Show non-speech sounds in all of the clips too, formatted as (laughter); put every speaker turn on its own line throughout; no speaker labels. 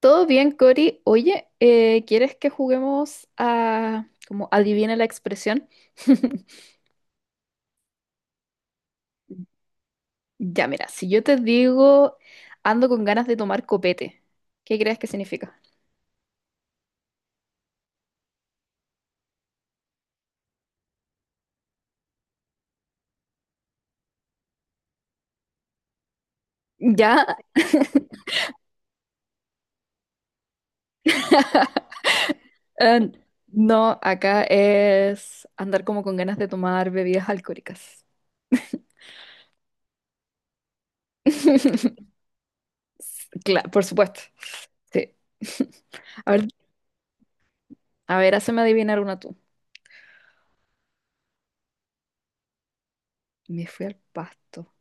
Todo bien, Cori. Oye, ¿quieres que juguemos a como adivina la expresión? (laughs) Ya, mira, si yo te digo ando con ganas de tomar copete, ¿qué crees que significa? Ya, eh, no, acá es andar como con ganas de tomar bebidas alcohólicas. (laughs) Claro, por supuesto. Sí. (laughs) A ver, a ver, hazme adivinar una tú. Me fui al pasto.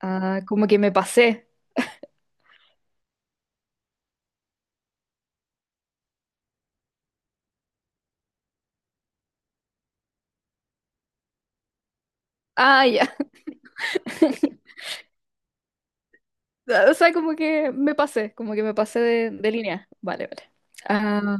Ah, como que me pasé. Ah, ya. O sea, como que me pasé, como que me pasé de línea. Vale, vale. Ah,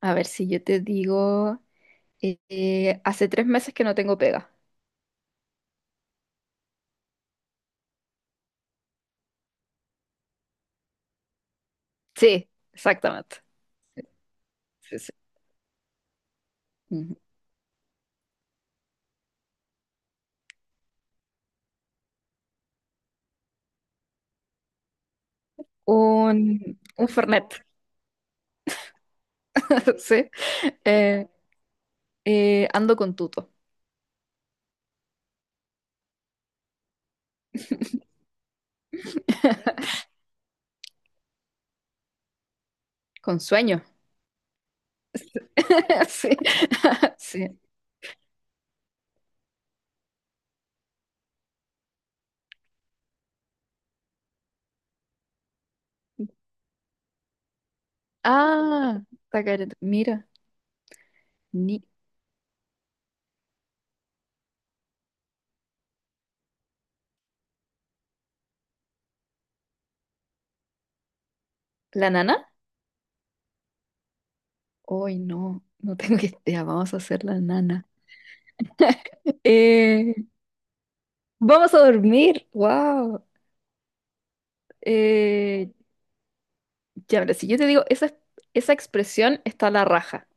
a ver si yo te digo, hace tres meses que no tengo pega. Sí, exactamente. Sí, sí. Ujú. Un Fernet. (laughs) Sí. Eh, ando con tuto. Con sueño. (laughs) Sí. (laughs) Sí. Ah, está careta. Mira, ni ¿la nana? Hoy no, no tengo (laughs) idea. Vamos a hacer la nana. (laughs) Eh, Vamos a dormir. Wow. Eh, ya, mira, si yo te digo, esa expresión está a la raja.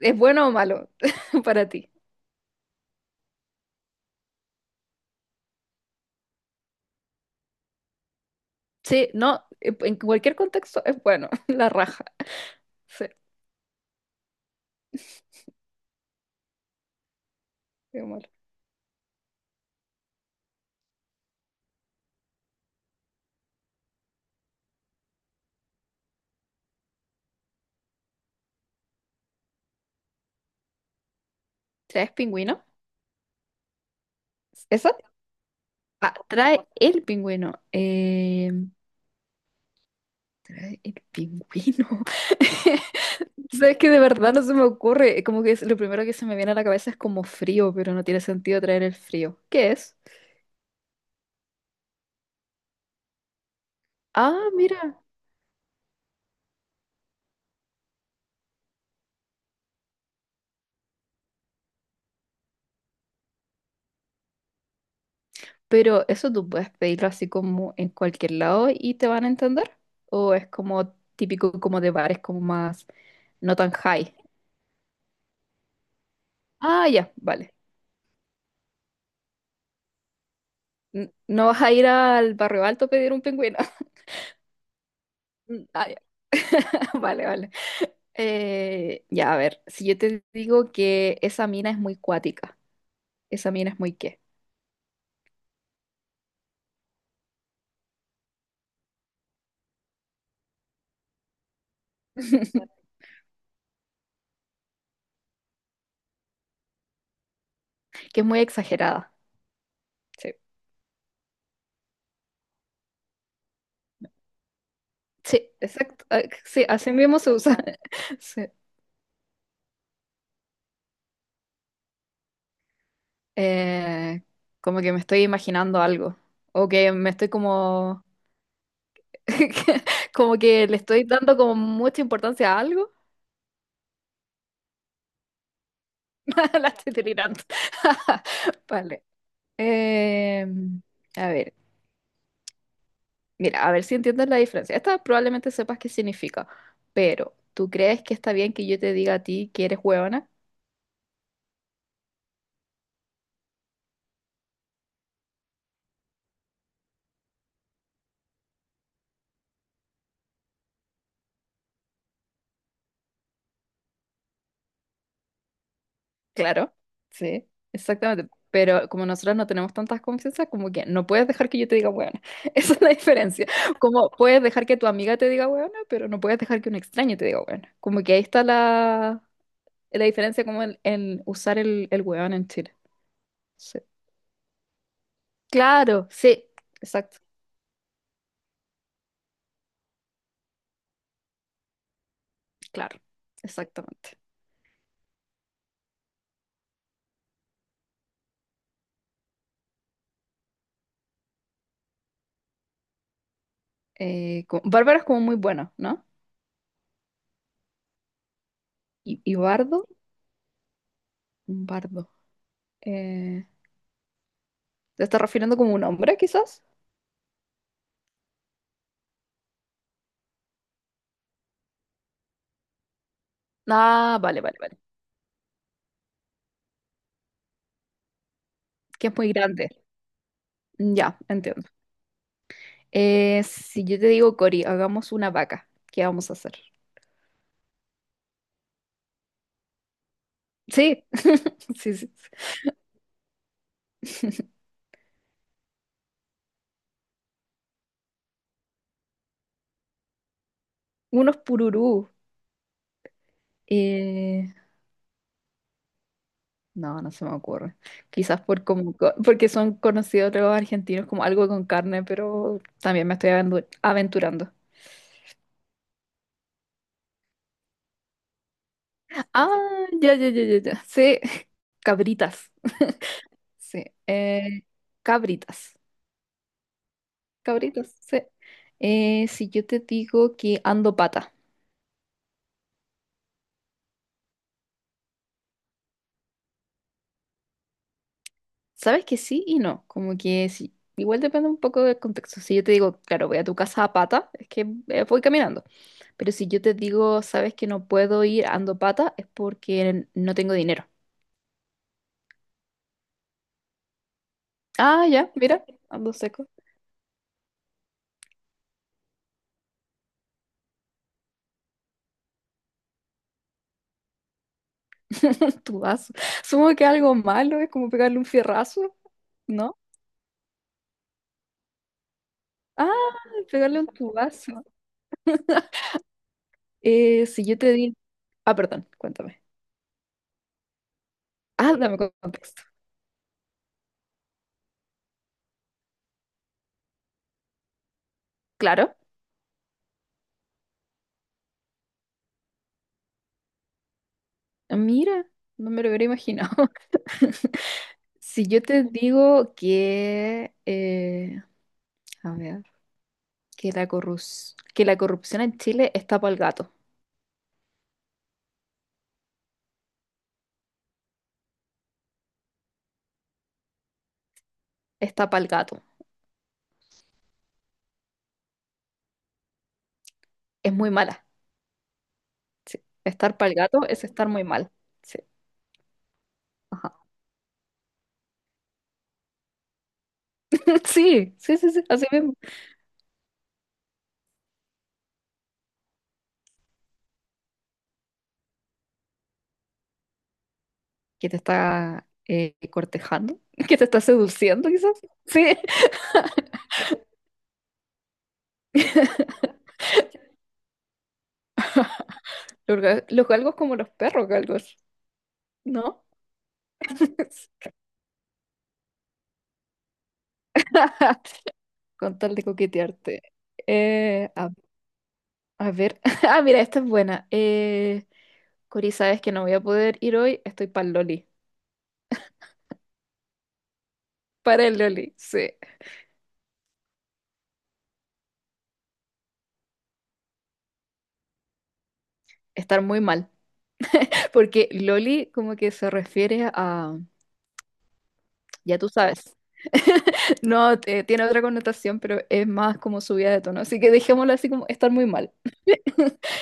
¿Es bueno o malo (laughs) para ti? Sí, no, en cualquier contexto es bueno, (laughs) la raja. Sí, (laughs) qué malo. ¿Traes pingüino? ¿Esa? Ah, trae el pingüino. Trae el pingüino. (laughs) Sabes que de verdad no se me ocurre. Como que lo primero que se me viene a la cabeza es como frío, pero no tiene sentido traer el frío. ¿Qué es? Ah, mira. Pero eso tú puedes pedirlo así como en cualquier lado y te van a entender. O es como típico como de bares como más no tan high. Ah, ya, vale. No vas a ir al barrio alto a pedir un pingüino. (laughs) Mm, ah, ya. (laughs) Vale, vale. Ya, a ver, si yo te digo que esa mina es muy cuática, esa mina es muy qué, (laughs) que es muy exagerada. Sí, sí, exacto. Ah, sí, así mismo se usa. (laughs) Sí. Eh, como que me estoy imaginando algo. O que me estoy como. (laughs) Como que le estoy dando como mucha importancia a algo. (laughs) La estoy delirando. (laughs) Vale. Eh, a ver, mira, a ver si entiendes la diferencia. Esta probablemente sepas qué significa, pero ¿tú crees que está bien que yo te diga a ti que eres huevona? Claro, sí, exactamente. Pero como nosotros no tenemos tantas confianzas, como que no puedes dejar que yo te diga huevona. (laughs) Esa es la diferencia. Como puedes dejar que tu amiga te diga huevona, pero no puedes dejar que un extraño te diga huevona. Como que ahí está la, la diferencia como en usar el huevón en Chile. Sí. Claro, sí, exacto, claro, exactamente. Bárbara es como muy bueno, ¿no? Y Bardo, un Bardo. Eh, ¿Te estás refiriendo como un hombre, quizás? Ah, vale, vale, vale. Que es muy grande. Ya, entiendo. Si yo te digo, Cori, hagamos una vaca, ¿qué vamos a hacer? Sí, (laughs) sí, sí. Sí. (laughs) Unos pururú. Eh, no, no se me ocurre. Quizás por porque son conocidos los argentinos como algo con carne, pero también me estoy aventurando. Ah, ya, ya, ya, ya, ya. Sí, (laughs) cabritas. Sí, cabritas. Cabritas, sí. Si yo te digo que ando pata. Sabes que sí y no, como que sí. Igual depende un poco del contexto. Si yo te digo, claro, voy a tu casa a pata, es que voy caminando. Pero si yo te digo, sabes que no puedo ir ando pata, es porque no tengo dinero. Ah, ya, mira, ando seco. (laughs) Tu vaso. Supongo que algo malo es como pegarle un fierrazo, ¿no? Ah, pegarle un tubazo. (laughs) Si yo te digo... Ah, perdón, cuéntame. Ah, dame contexto. Claro. Ah, mira, no me lo hubiera imaginado. (laughs) Si yo te digo que, a ver, que la corrupción en Chile está pa'l gato, es muy mala. Sí. Estar pa'l gato es estar muy mal. Sí, ajá. (laughs) Sí, sí, sí, sí, así mismo. Que te está cortejando, (laughs) que te está seduciendo, quizás. Sí, (laughs) los, los galgos como los perros galgos, ¿no? (laughs) con tal de coquetearte. Eh, a, a ver. (laughs) Ah, mira, esta es buena. Cori, sabes que no voy a poder ir hoy. Estoy para el Loli. Para el Loli, sí. Estar muy mal. (laughs) Porque Loli como que se refiere a... Ya tú sabes. (laughs) No, tiene otra connotación, pero es más como subida de tono. Así que dejémoslo así como estar muy mal. (laughs)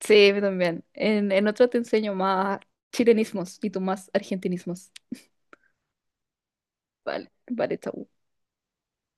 Sí, yo también. En otro te enseño más chilenismos y tú más argentinismos. Vale, vale, chau.